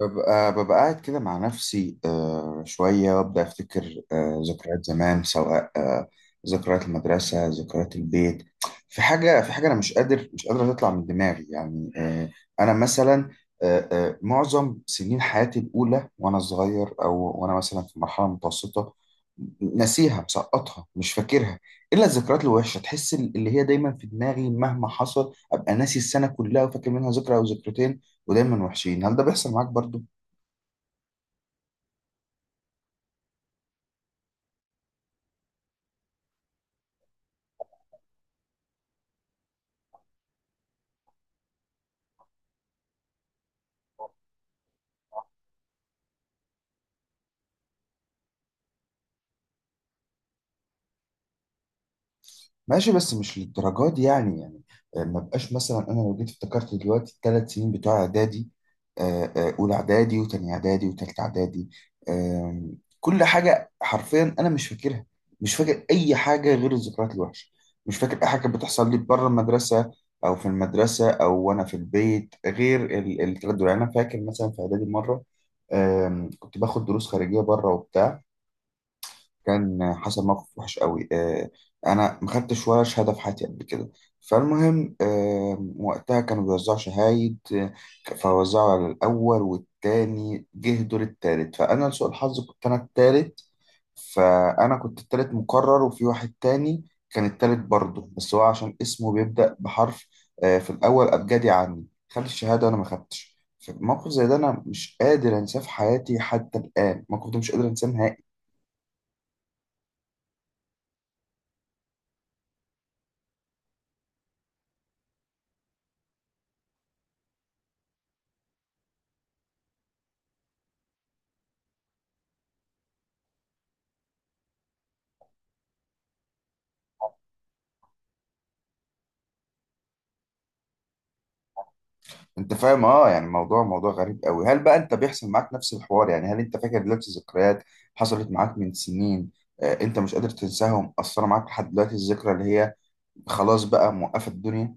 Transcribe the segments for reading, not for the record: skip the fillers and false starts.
ببقى قاعد كده مع نفسي، شوية وأبدأ أفتكر ذكريات زمان، سواء ذكريات المدرسة، ذكريات البيت. في حاجة أنا مش قادر تطلع من دماغي، يعني أنا مثلا، معظم سنين حياتي الأولى، وأنا صغير، أو وأنا مثلا في مرحلة متوسطة، ناسيها، مسقطها، مش فاكرها إلا الذكريات الوحشة. تحس اللي هي دايما في دماغي. مهما حصل أبقى ناسي السنة كلها وفاكر منها ذكرى أو ذكرتين، ودايما وحشين. هل ده بيحصل معاك برضو؟ ماشي، بس مش للدرجات دي. يعني ما بقاش، مثلا انا لو جيت افتكرت دلوقتي 3 سنين بتوع اعدادي، اولى اعدادي، وتاني اعدادي، وتالت اعدادي. كل حاجه حرفيا انا مش فاكرها. مش فاكر اي حاجه غير الذكريات الوحشه. مش فاكر اي حاجه كانت بتحصل لي بره المدرسه، او في المدرسه، او وانا في البيت، غير الثلاث دول. يعني انا فاكر مثلا في اعدادي مره، كنت باخد دروس خارجيه بره وبتاع. كان حصل موقف وحش قوي. انا ما خدتش ولا شهاده في حياتي قبل كده. فالمهم، وقتها كانوا بيوزعوا شهايد. فوزعوا على الاول والتاني، جه دور التالت، فانا لسوء الحظ كنت انا التالت. فانا كنت التالت مقرر، وفي واحد تاني كان التالت برضه، بس هو عشان اسمه بيبدا بحرف في الاول ابجدي عني، خد الشهاده وانا ما خدتش. موقف زي ده انا مش قادر انساه في حياتي حتى الان. الموقف ده مش قادر انساه نهائي. انت فاهم؟ اه يعني موضوع غريب قوي. هل بقى انت بيحصل معاك نفس الحوار؟ يعني هل انت فاكر دلوقتي ذكريات حصلت معاك من سنين، انت مش قادر تنساها ومأثرة معاك لحد دلوقتي؟ الذكرى اللي هي خلاص بقى موقفة الدنيا؟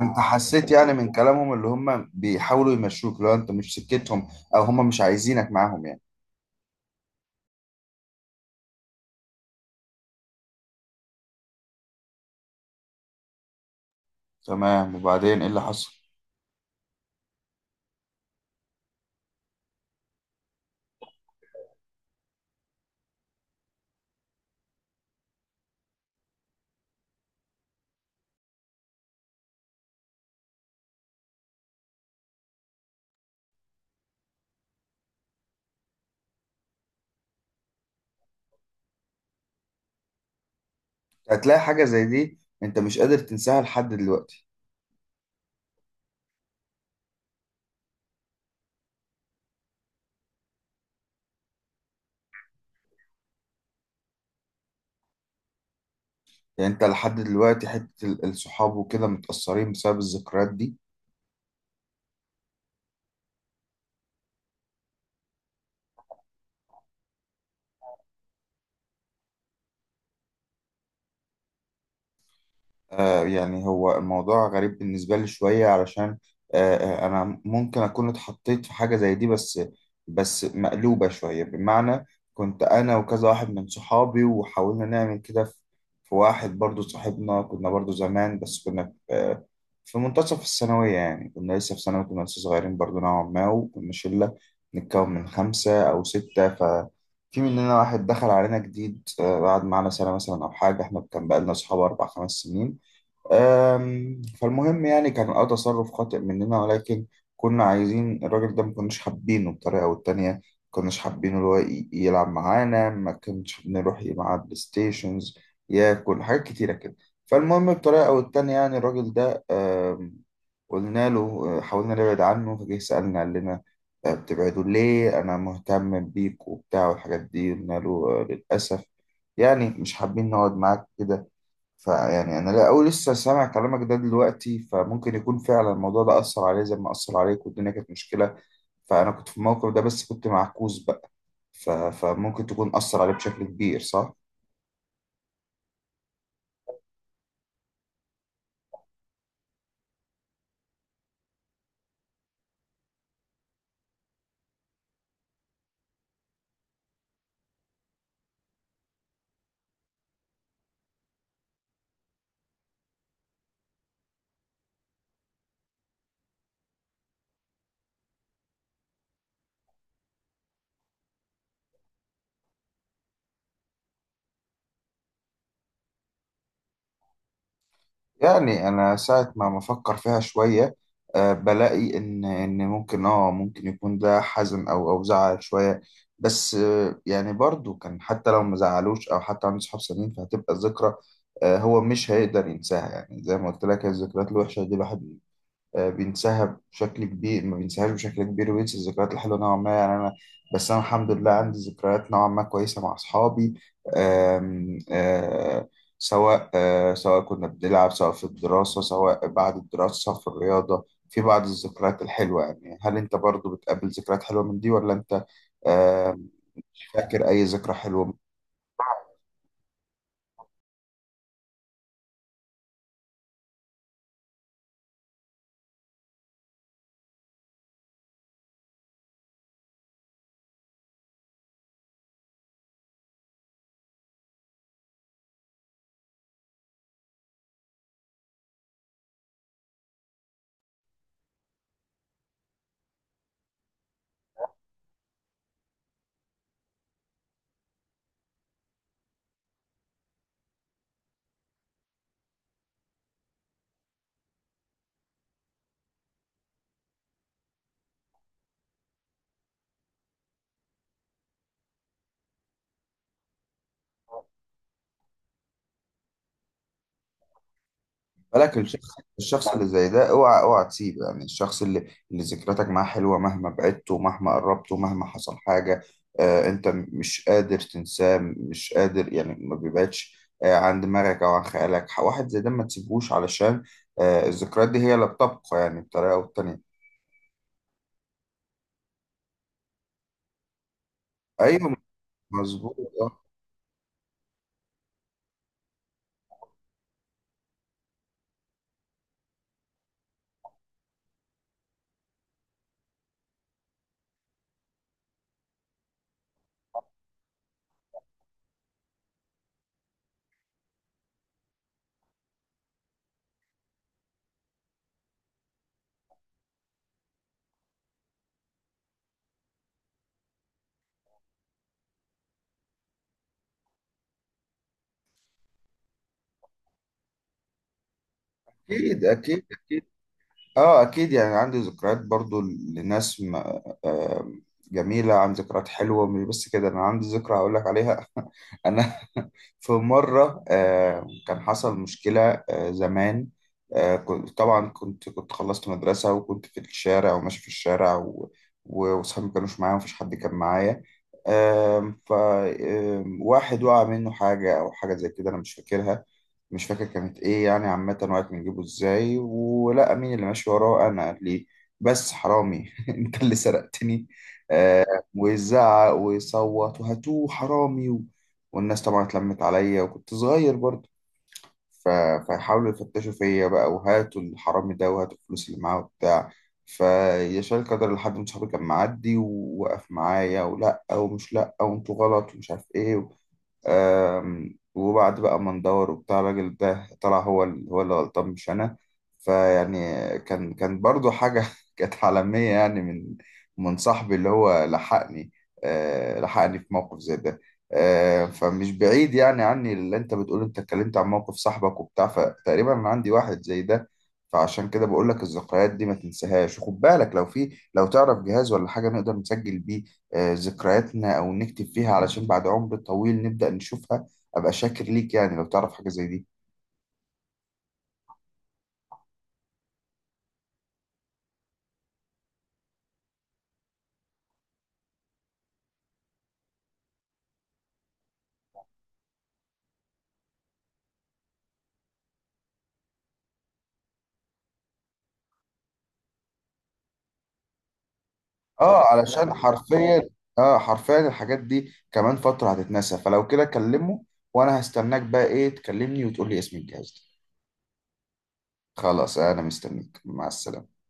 انت حسيت يعني من كلامهم اللي هم بيحاولوا يمشوك لو انت مش سكتهم، او هم مش عايزينك معاهم يعني؟ تمام، وبعدين ايه اللي حصل؟ هتلاقي حاجة زي دي انت مش قادر تنساها لحد دلوقتي. يعني انت لحد دلوقتي حتة الصحاب وكده متأثرين بسبب الذكريات دي؟ يعني هو الموضوع غريب بالنسبة لي شوية علشان آه، أنا ممكن أكون اتحطيت في حاجة زي دي، بس مقلوبة شوية، بمعنى، كنت أنا وكذا واحد من صحابي، وحاولنا نعمل كده في واحد برضو صاحبنا، كنا برضو زمان بس كنا في في منتصف الثانوية. يعني كنا لسه في ثانوي، كنا لسه صغيرين برضو نوعا ما، وكنا شلة نتكون من 5 أو 6. ففي مننا واحد دخل علينا جديد، قعد معانا سنة مثلا أو حاجة. إحنا كان بقالنا أصحاب 4 5 سنين. فالمهم، يعني كان تصرف خاطئ مننا، ولكن كنا عايزين الراجل ده، ما كناش حابينه. بطريقة أو التانية ما كناش حابينه اللي هو يلعب معانا، ما كناش بنروح معاه بلاي ستيشنز، ياكل حاجات كتيرة كده. فالمهم، بطريقة أو التانية يعني الراجل ده، قلنا له، حاولنا نبعد عنه. فجه سألنا، قال لنا، بتبعدوا ليه؟ أنا مهتم بيك وبتاع والحاجات دي. قلنا له للأسف، يعني مش حابين نقعد معاك كده. فيعني انا، لا، أول لسه سامع كلامك ده دلوقتي، فممكن يكون فعلا الموضوع ده اثر عليه زي ما اثر عليك، والدنيا كانت مشكله. فانا كنت في الموقف ده بس كنت معكوس بقى. فممكن تكون اثر عليه بشكل كبير، صح؟ يعني انا ساعه ما بفكر فيها شويه، بلاقي ان ممكن يكون ده حزن، او زعل شويه. بس يعني برضو كان، حتى لو ما زعلوش او حتى عنده صحاب سنين، فهتبقى الذكرى. هو مش هيقدر ينساها، يعني زي ما قلت لك الذكريات الوحشه دي الواحد بينسحب بشكل كبير، ما بينسحبش بشكل كبير وينسى الذكريات الحلوه نوعا ما. يعني انا، بس انا الحمد لله عندي ذكريات نوعا ما كويسه مع اصحابي. آم، آه، سواء سواء كنا بنلعب، سواء في الدراسه، سواء بعد الدراسه، سواء في الرياضه، في بعض الذكريات الحلوه. يعني هل انت برضو بتقابل ذكريات حلوه من دي، ولا انت آه، مش فاكر اي ذكرى حلوه؟ بالك، الشخص اللي زي ده اوعى اوعى تسيبه، يعني الشخص اللي ذكرياتك معاه حلوه، مهما بعدته، مهما قربته، مهما حصل حاجه، انت مش قادر تنساه، مش قادر يعني، ما بيبعدش عن دماغك او عن خيالك. واحد زي ده ما تسيبهوش، علشان الذكريات دي هي اللي بتبقى، يعني بطريقه او بتانيه. ايوه، مظبوط. آه، اكيد اكيد اكيد. اه، اكيد يعني عندي ذكريات برضو لناس آه، جميلة، عن ذكريات حلوة. مش بس كده، انا عندي ذكرى هقول لك عليها. انا في مرة كان حصل مشكلة زمان. كنت طبعا، كنت خلصت مدرسة، وكنت في الشارع، وماشي في الشارع، وصحابي ما كانوش معايا، ومفيش حد كان معايا. آم، ف آم، واحد وقع منه حاجة، أو حاجة زي كده أنا مش فاكرها. مش فاكر كانت ايه يعني. عامة، وقت ما نجيبه ازاي، ولا مين اللي ماشي وراه؟ انا قال لي، بس، حرامي! انت اللي سرقتني! آه ويزعق ويصوت، وهاتوه حرامي والناس طبعا اتلمت عليا، وكنت صغير برضه. ف... فيحاولوا يفتشوا فيا بقى، وهاتوا الحرامي ده، وهاتوا الفلوس اللي معاه وبتاع. فيشاء القدر لحد من صحابي كان معدي، ووقف معايا، ولا ومش، لا وانتوا غلط ومش عارف ايه. آم، وبعد بقى ما ندور وبتاع، الراجل ده طلع هو هو اللي غلطان مش انا. فيعني كان برضو حاجة كانت عالمية، يعني من صاحبي اللي هو لحقني، لحقني في موقف زي ده. فمش بعيد يعني عني اللي انت بتقول. انت اتكلمت عن موقف صاحبك وبتاع، فتقريبا انا عندي واحد زي ده. فعشان كده بقول لك الذكريات دي ما تنساهاش. وخد بالك، لو تعرف جهاز ولا حاجة نقدر نسجل بيه ذكرياتنا، او نكتب فيها، علشان بعد عمر طويل نبدأ نشوفها، ابقى شاكر ليك يعني لو تعرف حاجة زي دي. اه، علشان حرفيا، اه حرفيا الحاجات دي كمان فترة هتتنسى، فلو كده كلمه. وانا هستناك بقى، ايه، تكلمني وتقول لي اسم الجهاز ده. خلاص، انا مستنيك. مع السلامة.